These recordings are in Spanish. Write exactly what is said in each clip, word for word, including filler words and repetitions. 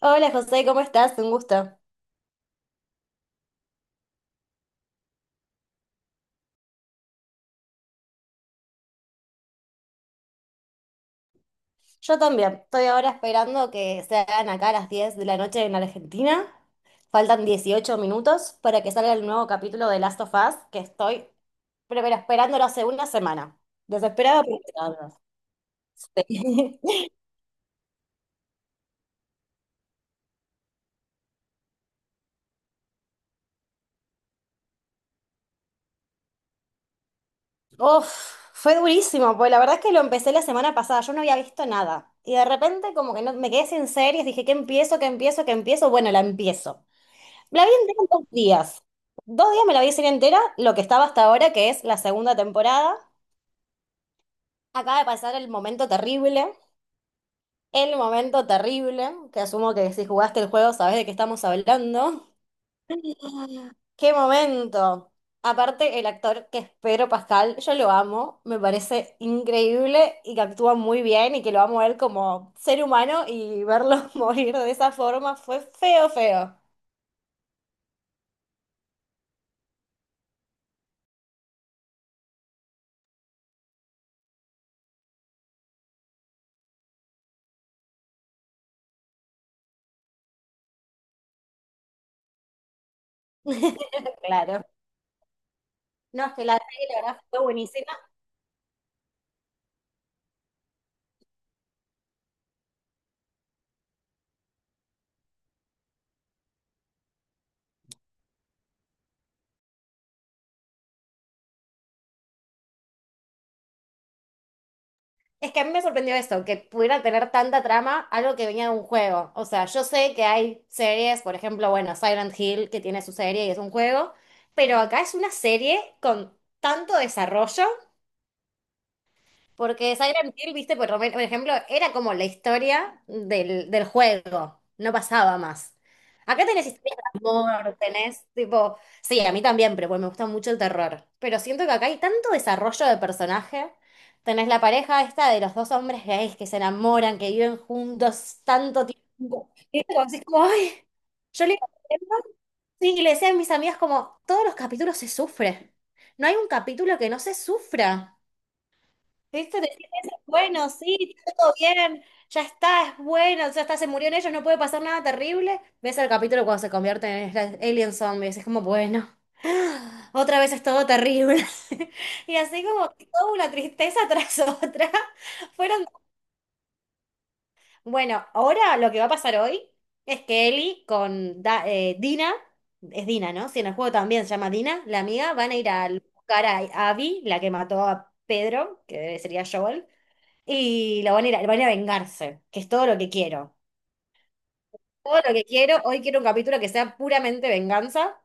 Hola José, ¿cómo estás? Un gusto. Yo también. Estoy ahora esperando que sean acá a las diez de la noche en Argentina. Faltan dieciocho minutos para que salga el nuevo capítulo de Last of Us, que estoy pero, pero esperándolo hace una semana. Desesperada por esperarlo. Sí. Uf, fue durísimo, pues la verdad es que lo empecé la semana pasada, yo no había visto nada. Y de repente como que no, me quedé sin series, dije, ¿qué empiezo? ¿Qué empiezo? ¿Qué empiezo? Bueno, la empiezo. La vi entera en dos días. Dos días me la vi serie entera, lo que estaba hasta ahora, que es la segunda temporada. Acaba de pasar el momento terrible. El momento terrible, que asumo que si jugaste el juego sabés de qué estamos hablando. ¡Qué momento! Aparte, el actor que es Pedro Pascal, yo lo amo, me parece increíble y que actúa muy bien y que lo amo a él como ser humano y verlo morir de esa forma fue feo, feo. Claro. No, es que la serie la verdad fue buenísima. Es que a mí me sorprendió esto, que pudiera tener tanta trama algo que venía de un juego. O sea, yo sé que hay series, por ejemplo, bueno, Silent Hill, que tiene su serie y es un juego, pero acá es una serie con tanto desarrollo porque Silent Hill, viste, por, lo men- por ejemplo, era como la historia del, del juego, no pasaba más. Acá tenés historias de amor, tenés tipo, sí, a mí también, pero bueno, me gusta mucho el terror. Pero siento que acá hay tanto desarrollo de personaje. Tenés la pareja esta de los dos hombres gays que se enamoran, que viven juntos tanto tiempo. Y es como, así como, ay, yo le, sí, y le decía a mis amigas como, todos los capítulos se sufre. No hay un capítulo que no se sufra. Esto, decir eso es bueno, sí, todo bien, ya está, es bueno, ya está, se murieron ellos, no puede pasar nada terrible. Ves el capítulo cuando se convierten en estas alien zombies, es como, bueno, otra vez es todo terrible. Y así como que toda una tristeza tras otra. Fueron, bueno, ahora lo que va a pasar hoy es que Ellie con Da- eh, Dina, es Dina, ¿no? Si en el juego también se llama Dina, la amiga, van a ir a buscar a Abby, la que mató a Pedro, que sería Joel. Y lo van a ir a, van a ir a vengarse, que es todo lo que quiero. Todo lo que quiero. Hoy quiero un capítulo que sea puramente venganza.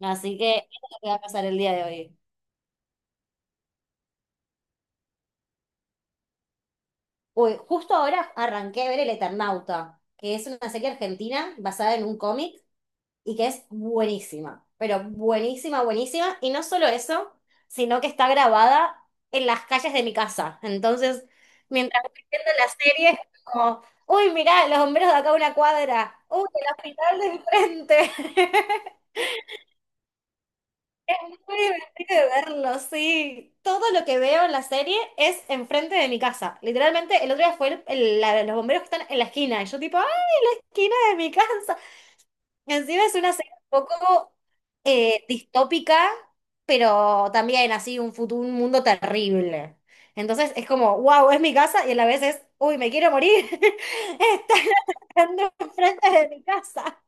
Así que eso es lo que va a pasar el día de hoy. Uy, justo ahora arranqué a ver El Eternauta, que es una serie argentina basada en un cómic y que es buenísima, pero buenísima, buenísima. Y no solo eso, sino que está grabada en las calles de mi casa. Entonces, mientras estoy viendo la serie, es como, uy, mirá, los bomberos de acá a una cuadra, uy, el hospital de enfrente. Es muy divertido verlo, sí. Todo lo que veo en la serie es enfrente de mi casa. Literalmente, el otro día fue el- el- la- los bomberos que están en la esquina. Y yo tipo, ¡ah, esquina de mi casa! Encima es una serie un poco eh, distópica, pero también así un futuro, un mundo terrible. Entonces es como, wow, es mi casa y a la vez es, uy, me quiero morir. Están atacando enfrente de mi casa.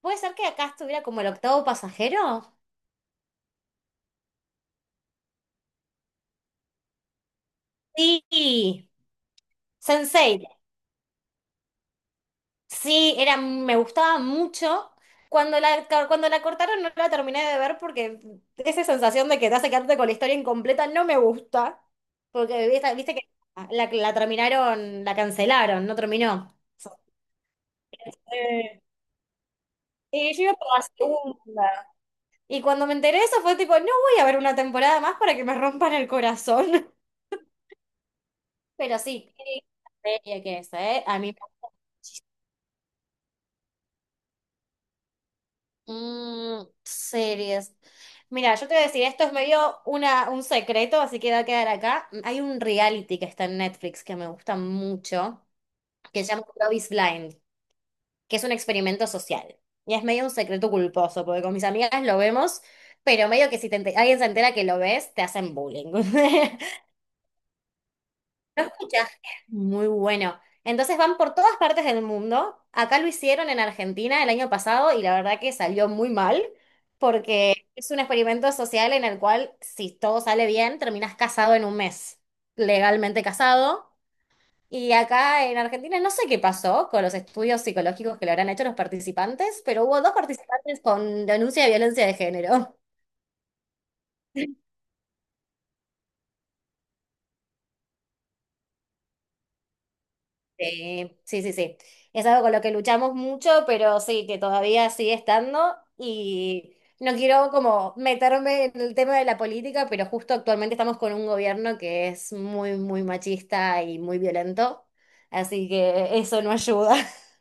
¿Puede ser que acá estuviera como el octavo pasajero? Sí. Sense eight. Sí, era, me gustaba mucho. Cuando la, cuando la cortaron no la terminé de ver porque esa sensación de que te hace quedarte con la historia incompleta no me gusta. Porque viste, viste que la, la terminaron, la cancelaron, no terminó. Eh, Y yo iba por la segunda. Y cuando me enteré de eso fue tipo, no voy a ver una temporada más para que me rompan el corazón. Pero sí, qué linda serie que es, ¿eh? A mí. Mm, series. Mira, yo te voy a decir, esto es medio una, un secreto, así que va a quedar acá. Mm, Hay un reality que está en Netflix que me gusta mucho, que se llama Love is Blind, que es un experimento social. Y es medio un secreto culposo, porque con mis amigas lo vemos, pero medio que si te ente- alguien se entera que lo ves, te hacen bullying. Mucha gente. Muy bueno. Entonces van por todas partes del mundo. Acá lo hicieron en Argentina el año pasado y la verdad que salió muy mal porque es un experimento social en el cual si todo sale bien terminas casado en un mes, legalmente casado. Y acá en Argentina no sé qué pasó con los estudios psicológicos que le habrán hecho los participantes, pero hubo dos participantes con denuncia de violencia de género. Sí, sí, sí, sí. Es algo con lo que luchamos mucho, pero sí, que todavía sigue estando y no quiero como meterme en el tema de la política, pero justo actualmente estamos con un gobierno que es muy, muy machista y muy violento, así que eso no ayuda.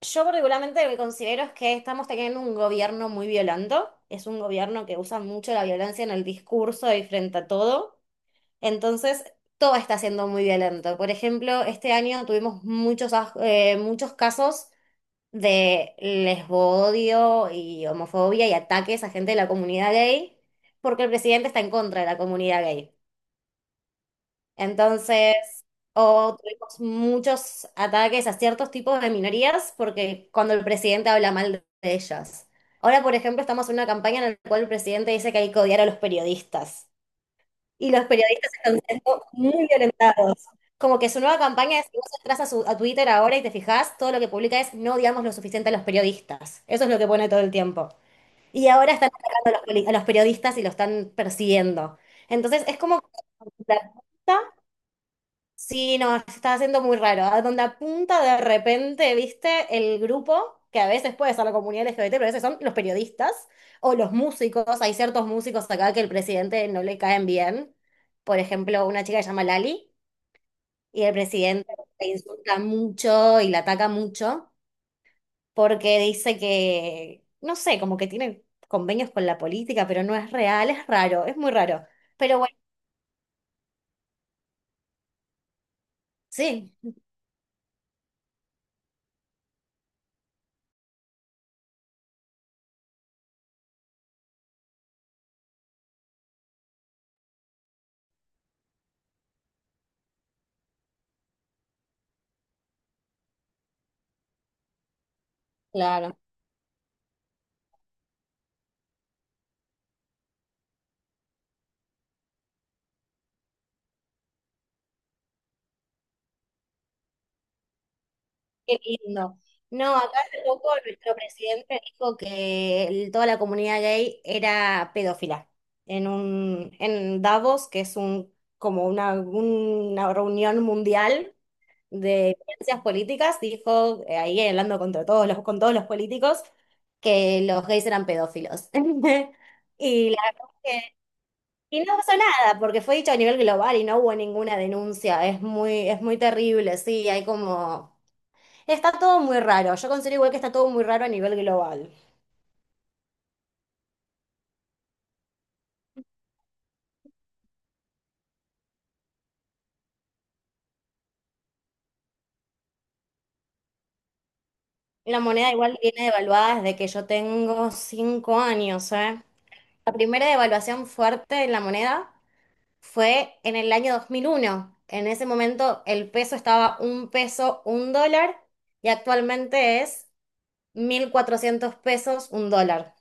Yo particularmente lo que considero es que estamos teniendo un gobierno muy violento, es un gobierno que usa mucho la violencia en el discurso y frente a todo. Entonces, todo está siendo muy violento. Por ejemplo, este año tuvimos muchos, aj- eh, muchos casos de lesbodio y homofobia y ataques a gente de la comunidad gay, porque el presidente está en contra de la comunidad gay. Entonces, o tuvimos muchos ataques a ciertos tipos de minorías, porque cuando el presidente habla mal de ellas. Ahora, por ejemplo, estamos en una campaña en la cual el presidente dice que hay que odiar a los periodistas. Y los periodistas están siendo muy violentados. Como que su nueva campaña es, si vos entras a, su, a Twitter ahora y te fijás, todo lo que publica es no odiamos lo suficiente a los periodistas. Eso es lo que pone todo el tiempo. Y ahora están atacando a los, poli- a los periodistas y lo están persiguiendo. Entonces es como que sí, no, se está haciendo muy raro. A donde apunta de repente, viste, el grupo, que a veces puede ser la comunidad L G B T, pero a veces son los periodistas o los músicos. Hay ciertos músicos acá que el presidente no le caen bien. Por ejemplo, una chica que se llama Lali y el presidente la insulta mucho y la ataca mucho porque dice que, no sé, como que tiene convenios con la política, pero no es real, es raro, es muy raro. Pero bueno, sí, claro. Qué lindo. No, acá hace poco nuestro presidente dijo que el- toda la comunidad gay era pedófila. En un, en Davos, que es un, como una, una reunión mundial de ciencias políticas, dijo, eh, ahí hablando contra todos los, con todos los políticos, que los gays eran pedófilos. Y la verdad es que, y no pasó nada, porque fue dicho a nivel global y no hubo ninguna denuncia. Es muy, es muy terrible, sí, hay como. Está todo muy raro. Yo considero igual que está todo muy raro a nivel global. La moneda igual viene devaluada desde que yo tengo cinco años, ¿eh? La primera devaluación fuerte de la moneda fue en el año dos mil uno. En ese momento el peso estaba un peso, un dólar, y actualmente es mil cuatrocientos pesos, un dólar.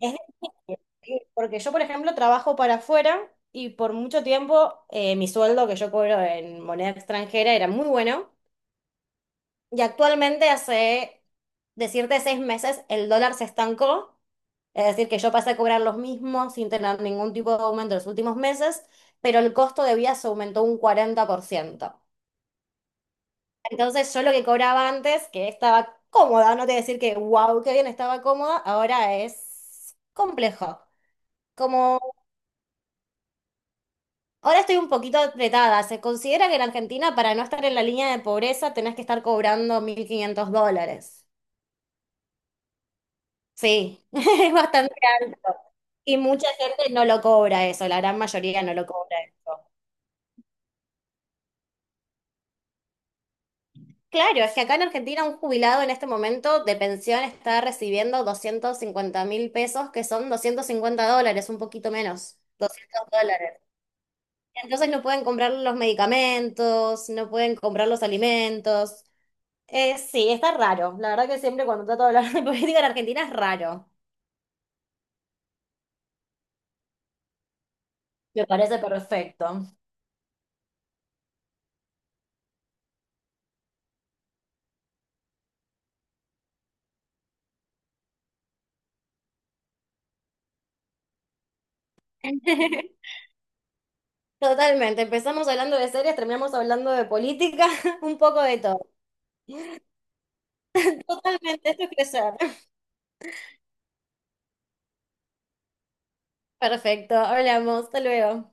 Es difícil, ¿sí? Porque yo, por ejemplo, trabajo para afuera y por mucho tiempo eh, mi sueldo que yo cobro en moneda extranjera era muy bueno. Y actualmente hace, decirte, seis meses, el dólar se estancó. Es decir, que yo pasé a cobrar los mismos sin tener ningún tipo de aumento en los últimos meses, pero el costo de vida se aumentó un cuarenta por ciento. Entonces yo lo que cobraba antes, que estaba cómoda, no te voy a decir que wow, qué bien, estaba cómoda, ahora es complejo. Como ahora estoy un poquito apretada, se considera que en Argentina para no estar en la línea de pobreza tenés que estar cobrando mil quinientos dólares. Sí, es bastante alto. Y mucha gente no lo cobra eso, la gran mayoría no lo cobra eso. Claro, es que acá en Argentina un jubilado en este momento de pensión está recibiendo doscientos cincuenta mil pesos, que son doscientos cincuenta dólares, un poquito menos. Doscientos dólares. Entonces no pueden comprar los medicamentos, no pueden comprar los alimentos. Eh, sí, está raro. La verdad que siempre cuando trato de hablar de política en Argentina es raro. Me parece perfecto. Totalmente, empezamos hablando de series, terminamos hablando de política, un poco de todo. Totalmente, esto es crecer. Perfecto, hablamos, hasta luego.